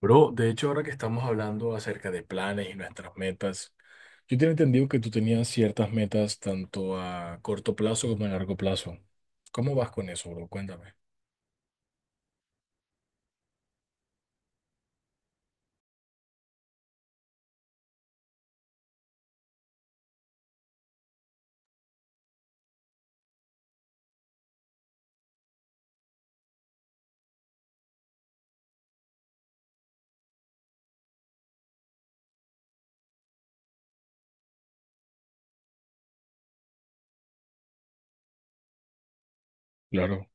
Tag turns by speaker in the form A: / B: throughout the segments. A: Bro, de hecho, ahora que estamos hablando acerca de planes y nuestras metas, yo tenía entendido que tú tenías ciertas metas tanto a corto plazo como a largo plazo. ¿Cómo vas con eso, bro? Cuéntame. Claro.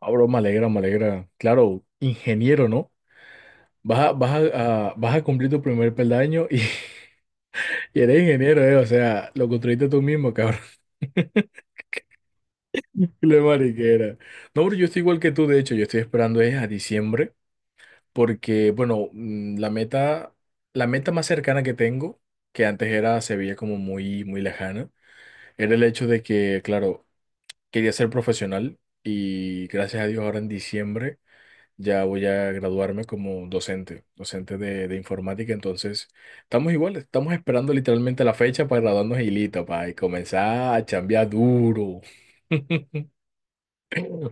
A: Ah, bro, me alegra, me alegra. Claro, ingeniero, ¿no? Vas a, vas a cumplir tu primer peldaño y, y eres ingeniero, ¿eh? O sea, lo construiste tú mismo, cabrón. La mariquera. No, bro, yo estoy igual que tú, de hecho, yo estoy esperando es a diciembre. Porque, bueno, la meta más cercana que tengo, que antes era, se veía como muy, muy lejana, era el hecho de que, claro, quería ser profesional y gracias a Dios ahora en diciembre ya voy a graduarme como docente, docente de informática, entonces estamos iguales, estamos esperando literalmente la fecha para graduarnos y listo, para comenzar a chambear duro.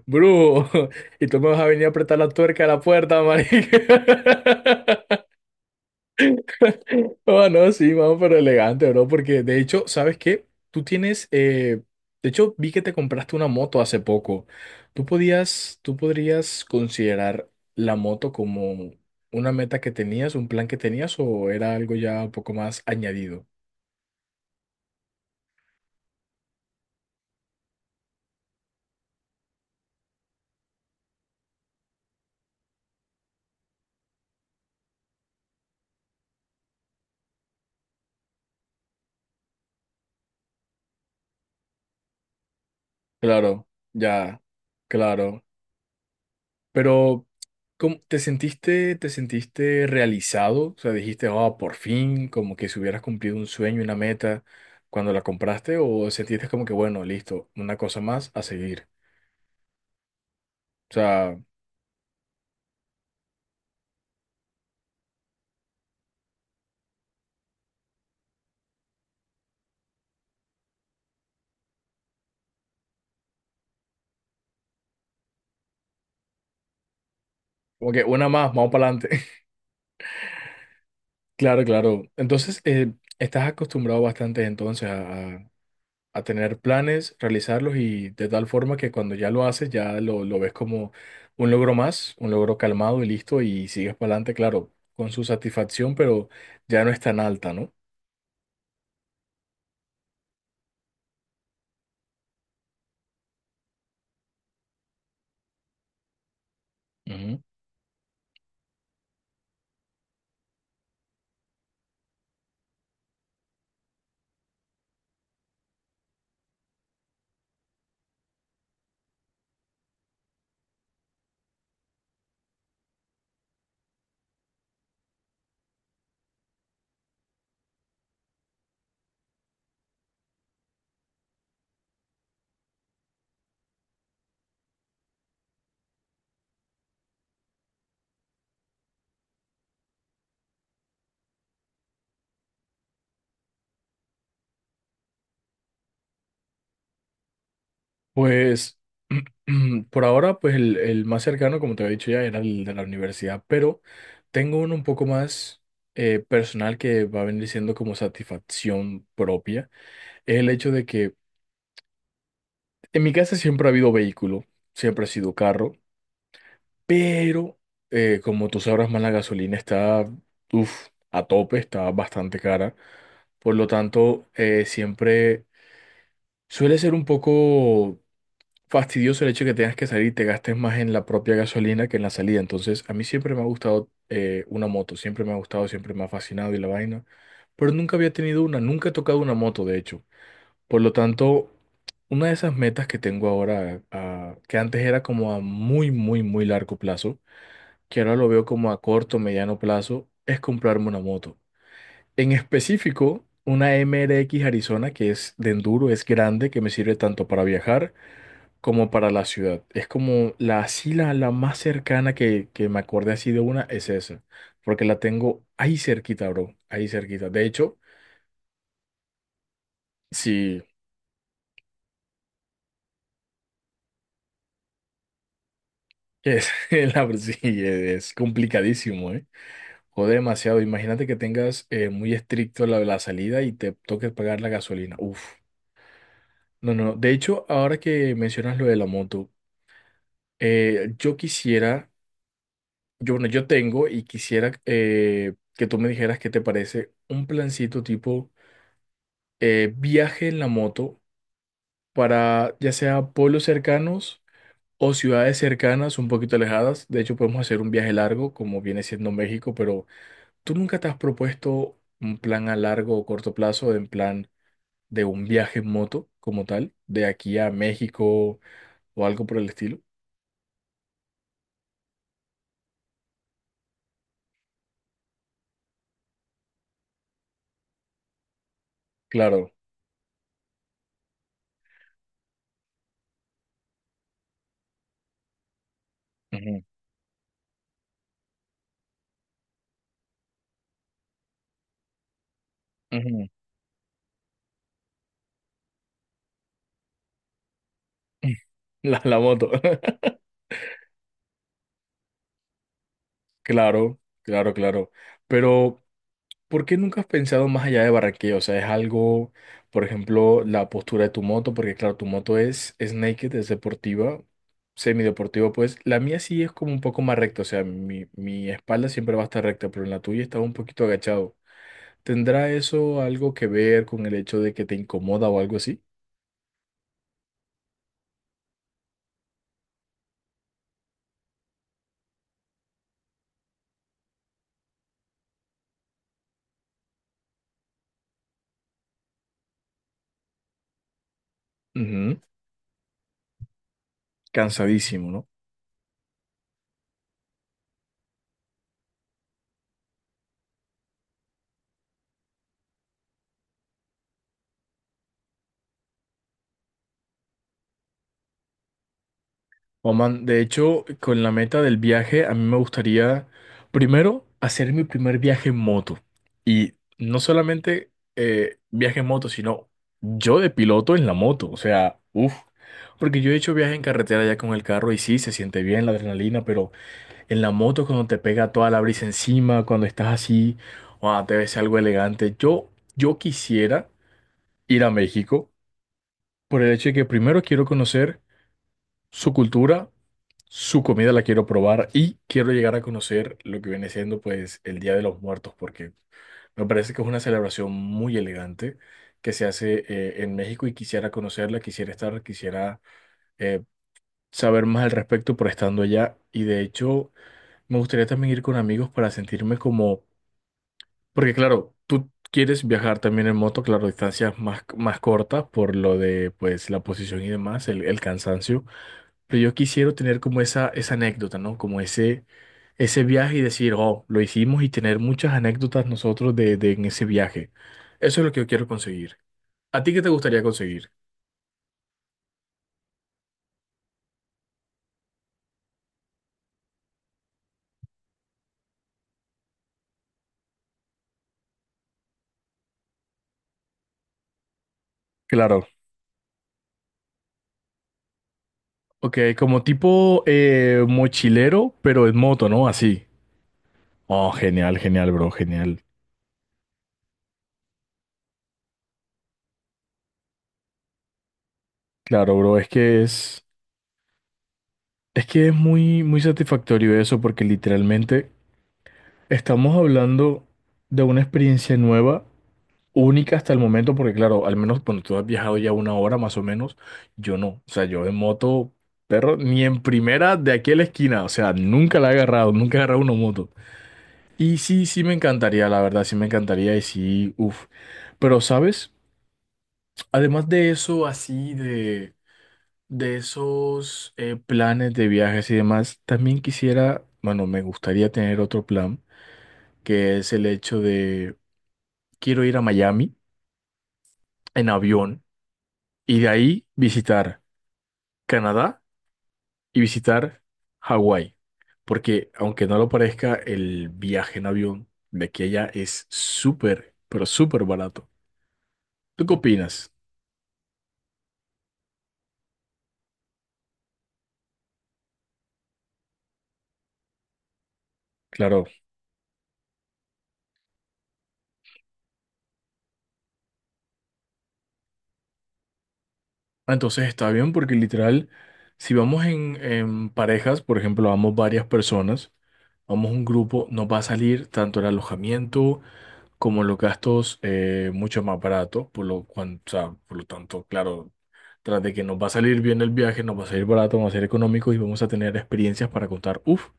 A: Bro, y tú me vas a venir a apretar la tuerca a la puerta, marica. Oh, no, sí, vamos, pero elegante, bro, porque de hecho, ¿sabes qué? Tú tienes, de hecho, vi que te compraste una moto hace poco. Tú podías, tú podrías considerar la moto como una meta que tenías, un plan que tenías, o era algo ya un poco más añadido. Claro, ya, claro. Pero, ¿cómo- te sentiste realizado? O sea, dijiste, oh, por fin, como que si hubieras cumplido un sueño, una meta cuando la compraste, o sentiste como que, bueno, listo, una cosa más a seguir. O sea, como que una más, vamos para adelante. Claro, claro. Entonces, estás acostumbrado bastante entonces a tener planes, realizarlos y de tal forma que cuando ya lo haces, ya lo ves como un logro más, un logro calmado y listo y sigues para adelante, claro, con su satisfacción, pero ya no es tan alta, ¿no? Ujú. Pues por ahora, pues el más cercano, como te había dicho ya, era el de la universidad, pero tengo uno un poco más personal que va a venir siendo como satisfacción propia, es el hecho de que en mi casa siempre ha habido vehículo, siempre ha sido carro. Pero, como tú sabrás más, la gasolina está, uf, a tope, está bastante cara. Por lo tanto, siempre suele ser un poco fastidioso el hecho de que tengas que salir y te gastes más en la propia gasolina que en la salida. Entonces, a mí siempre me ha gustado una moto, siempre me ha gustado, siempre me ha fascinado y la vaina. Pero nunca había tenido una, nunca he tocado una moto, de hecho. Por lo tanto, una de esas metas que tengo ahora, que antes era como a muy, muy, muy largo plazo que ahora lo veo como a corto, mediano plazo, es comprarme una moto. En específico, una MRX Arizona que es de enduro, es grande, que me sirve tanto para viajar como para la ciudad. Es como la, así la, la más cercana que me acordé así de una es esa, porque la tengo ahí cerquita, bro, ahí cerquita. De hecho, sí, es, la, sí, es complicadísimo, ¿eh? Jode demasiado. Imagínate que tengas muy estricto la, la salida y te toques pagar la gasolina. Uf. No, no. De hecho, ahora que mencionas lo de la moto, yo quisiera, yo, bueno, yo tengo y quisiera que tú me dijeras qué te parece un plancito tipo viaje en la moto para ya sea pueblos cercanos o ciudades cercanas, un poquito alejadas. De hecho, podemos hacer un viaje largo, como viene siendo México, pero ¿tú nunca te has propuesto un plan a largo o corto plazo, en plan de un viaje en moto como tal, de aquí a México o algo por el estilo? Claro. Ujú, ujú. La moto. Claro, claro, claro. Pero, ¿por qué nunca has pensado más allá de Barranquilla? O sea, es algo, por ejemplo, la postura de tu moto, porque claro, tu moto es naked, es deportiva, semideportiva, pues la mía sí es como un poco más recta, o sea, mi espalda siempre va a estar recta, pero en la tuya está un poquito agachado. ¿Tendrá eso algo que ver con el hecho de que te incomoda o algo así? Ujú. Cansadísimo, ¿no? Oh, man, de hecho, con la meta del viaje, a mí me gustaría primero hacer mi primer viaje en moto. Y no solamente viaje en moto, sino yo de piloto en la moto. O sea, uff. Porque yo he hecho viaje en carretera ya con el carro y sí, se siente bien la adrenalina, pero en la moto cuando te pega toda la brisa encima, cuando estás así, wow, te ves algo elegante. Yo quisiera ir a México por el hecho de que primero quiero conocer su cultura, su comida la quiero probar y quiero llegar a conocer lo que viene siendo pues el Día de los Muertos, porque me parece que es una celebración muy elegante que se hace en México y quisiera conocerla, quisiera estar, quisiera eh, saber más al respecto por estando allá. Y de hecho, me gustaría también ir con amigos para sentirme como, porque claro, tú quieres viajar también en moto, claro, distancias más, más cortas por lo de pues la posición y demás, el cansancio pero yo quisiera tener como esa anécdota, ¿no? Como ese viaje y decir, oh, lo hicimos y tener muchas anécdotas nosotros de en ese viaje. Eso es lo que yo quiero conseguir. ¿A ti qué te gustaría conseguir? Claro. Ok, como tipo mochilero, pero en moto, ¿no? Así. Oh, genial, genial, bro, genial. Claro, bro, es que es muy, muy satisfactorio eso porque literalmente estamos hablando de una experiencia nueva única hasta el momento, porque claro, al menos cuando tú has viajado ya una hora más o menos, yo no. O sea, yo en moto, perro, ni en primera de aquí a la esquina. O sea, nunca la he agarrado, nunca he agarrado una moto. Y sí, sí me encantaría, la verdad, sí me encantaría y sí, uff. Pero, ¿sabes? Además de eso, así de esos planes de viajes y demás, también quisiera, bueno, me gustaría tener otro plan, que es el hecho de, quiero ir a Miami en avión y de ahí visitar. Canadá y visitar Hawái, porque aunque no lo parezca, el viaje en avión de aquí a allá es súper, pero súper barato. ¿Tú qué opinas? Claro. Ah, entonces está bien porque literal, si vamos en parejas, por ejemplo, vamos varias personas, vamos un grupo, nos va a salir tanto el alojamiento, como los gastos mucho más baratos, por lo, o sea, por lo tanto, claro, tras de que nos va a salir bien el viaje, nos va a salir barato, nos va a salir económico y vamos a tener experiencias para contar. Uf.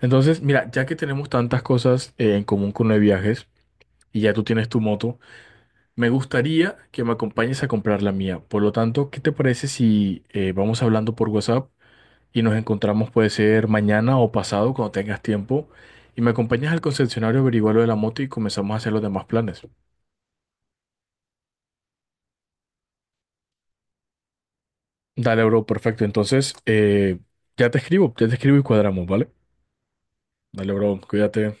A: Entonces, mira, ya que tenemos tantas cosas en común con los viajes y ya tú tienes tu moto, me gustaría que me acompañes a comprar la mía. Por lo tanto, ¿qué te parece si vamos hablando por WhatsApp y nos encontramos, puede ser mañana o pasado, cuando tengas tiempo, y me acompañas al concesionario a averiguar lo de la moto y comenzamos a hacer los demás planes? Dale, bro, perfecto. Entonces, ya te escribo y cuadramos, ¿vale? Dale, bro, cuídate.